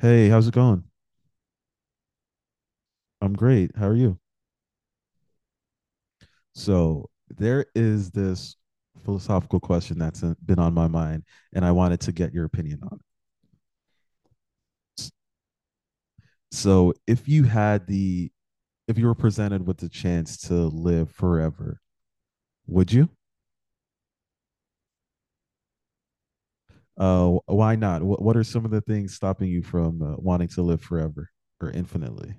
Hey, how's it going? I'm great. How are you? So, there is this philosophical question that's been on my mind, and I wanted to get your opinion on it. So, if you had the, if you were presented with the chance to live forever, would you? Why not? What are some of the things stopping you from wanting to live forever or infinitely?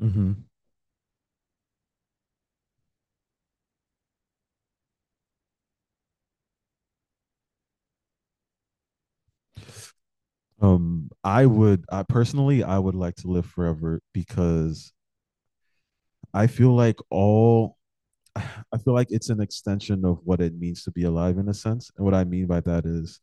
Hmm. I personally, I would like to live forever because I feel like all I feel like it's an extension of what it means to be alive in a sense. And what I mean by that is,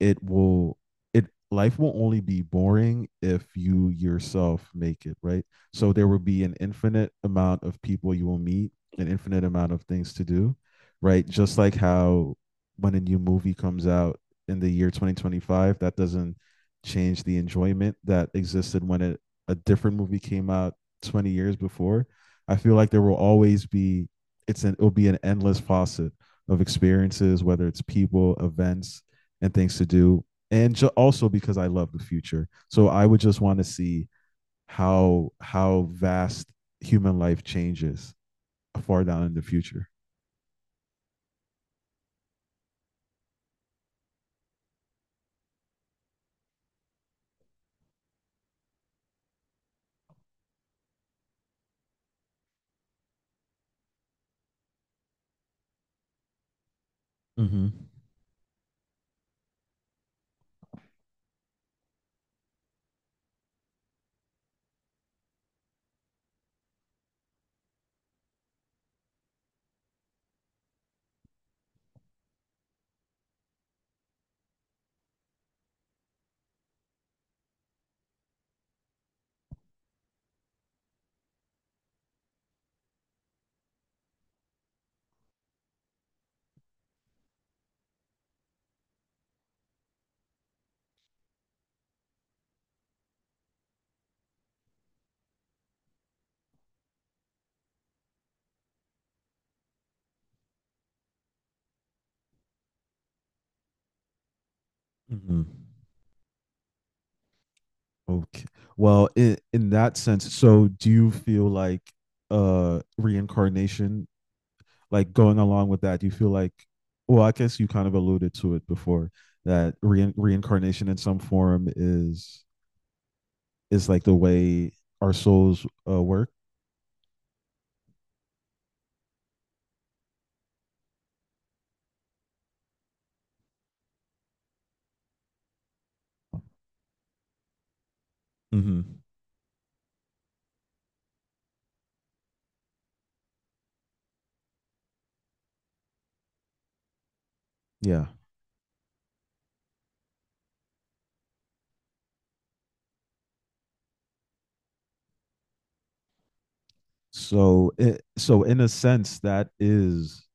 it will it life will only be boring if you yourself make it, right? So there will be an infinite amount of people, you will meet an infinite amount of things to do, right? Just like how when a new movie comes out in the year 2025, that doesn't change the enjoyment that existed when a different movie came out 20 years before. I feel like there will always be. It's an, it'll be an endless faucet of experiences, whether it's people, events, and things to do, and also because I love the future. So I would just want to see how vast human life changes far down in the future. Mm-hmm. Mm-hmm. Okay. Well, in that sense, so do you feel like reincarnation, like going along with that, do you feel like, well, I guess you kind of alluded to it before that reincarnation in some form is like the way our souls work. Mm-hmm. Yeah. So in a sense that is,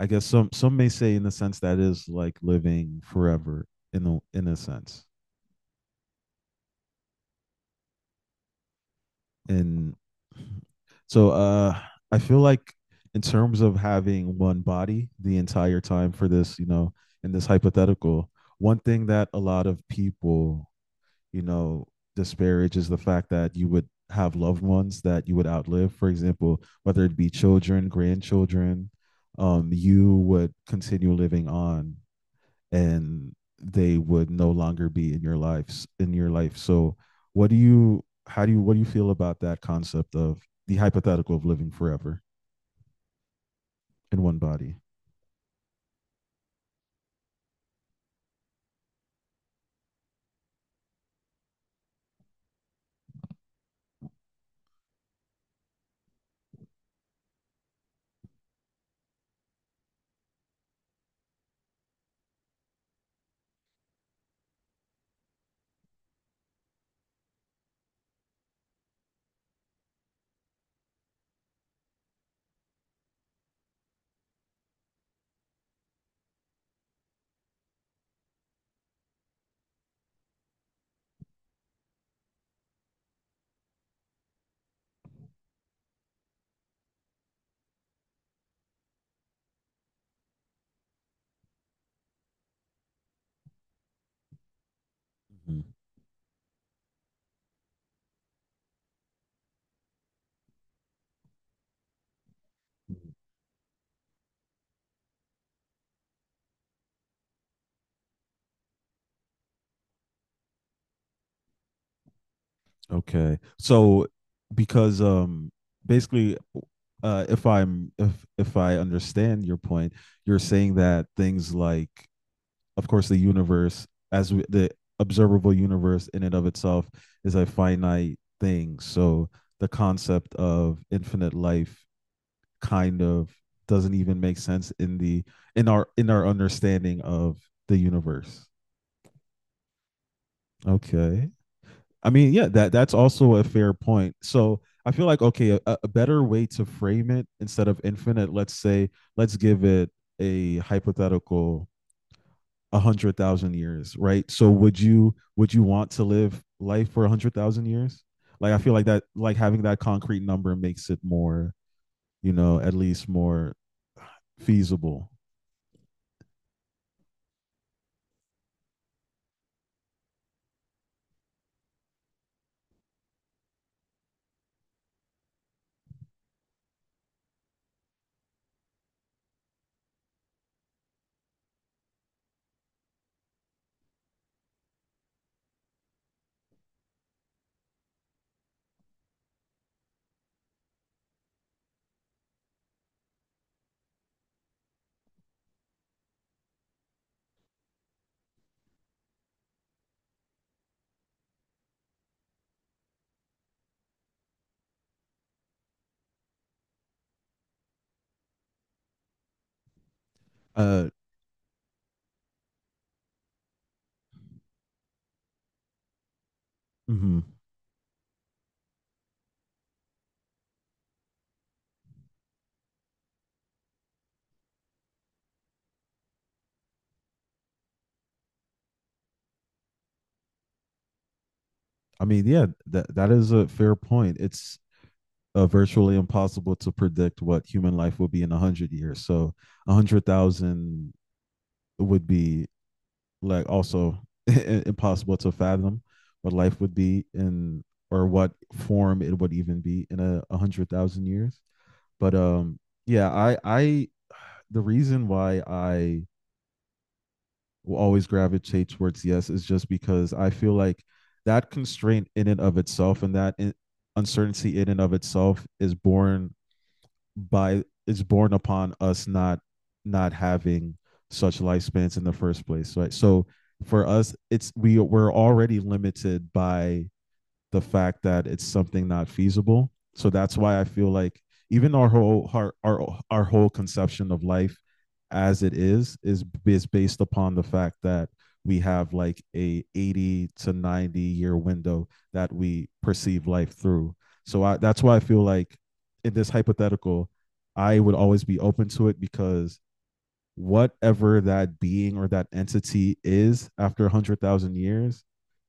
I guess, some may say, in a sense that is like living forever, in a sense. And so I feel like, in terms of having one body the entire time for this, in this hypothetical, one thing that a lot of people, you know, disparage is the fact that you would have loved ones that you would outlive. For example, whether it be children, grandchildren, you would continue living on and they would no longer be in your life. So what do you feel about that concept of the hypothetical of living forever in one body? Mhm. Mhm. Okay. So because basically, if I understand your point, you're saying that things like, of course, the universe, the observable universe in and of itself is a finite thing, so the concept of infinite life kind of doesn't even make sense in our understanding of the universe. Okay, I mean, yeah, that's also a fair point. So I feel like, okay, a better way to frame it instead of infinite, let's give it a hypothetical, 100,000 years, right? So would you want to live life for 100,000 years? Like, I feel like that, like having that concrete number makes it more, at least more feasible. Uh mhm. I mean, yeah, that is a fair point. It's virtually impossible to predict what human life will be in 100 years. So 100,000 would be like also impossible to fathom what life would be in, or what form it would even be in, a hundred thousand years. But yeah, I the reason why I will always gravitate towards yes is just because I feel like that constraint in and of itself, and that uncertainty in and of itself, is born by it's born upon us not having such lifespans in the first place, right? So for us, it's we're already limited by the fact that it's something not feasible. So that's why I feel like even our whole, conception of life as it is based upon the fact that we have, like, a 80 to 90 year window that we perceive life through. So that's why I feel like in this hypothetical, I would always be open to it, because whatever that being or that entity is after 100,000 years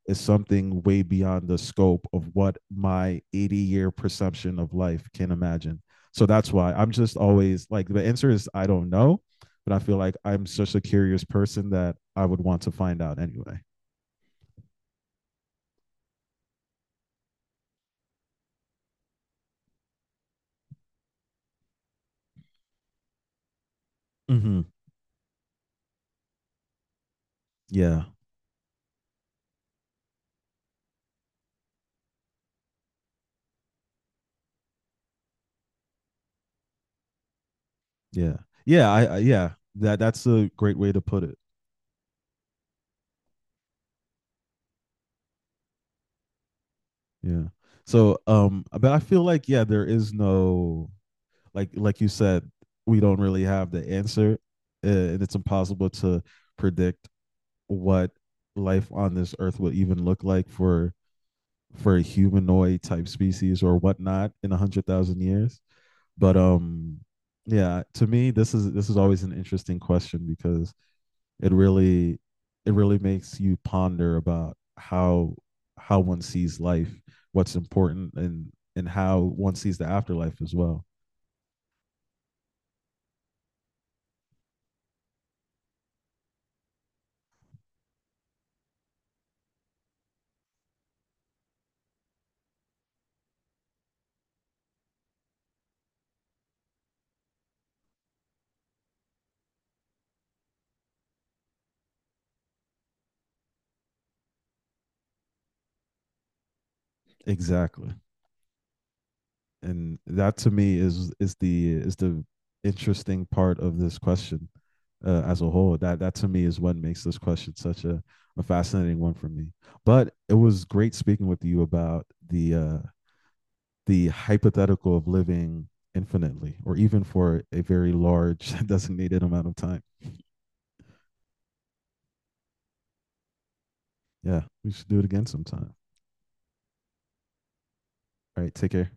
is something way beyond the scope of what my 80-year perception of life can imagine. So that's why I'm just always like, the answer is I don't know, but I feel like I'm such a curious person that I would want to find out anyway. Mm-hmm. Yeah. Yeah. Yeah. Yeah. That's a great way to put it. Yeah. So, but I feel like, yeah, there is no, like you said, we don't really have the answer, and it's impossible to predict what life on this earth would even look like for a humanoid type species or whatnot in 100,000 years. But yeah, to me, this is always an interesting question because it really it really makes you ponder about how one sees life, what's important, and how one sees the afterlife as well. Exactly. And that to me is the interesting part of this question, as a whole. That to me is what makes this question such a fascinating one for me. But it was great speaking with you about the hypothetical of living infinitely, or even for a very large designated amount of time. Yeah, we should do it again sometime. All right, take care.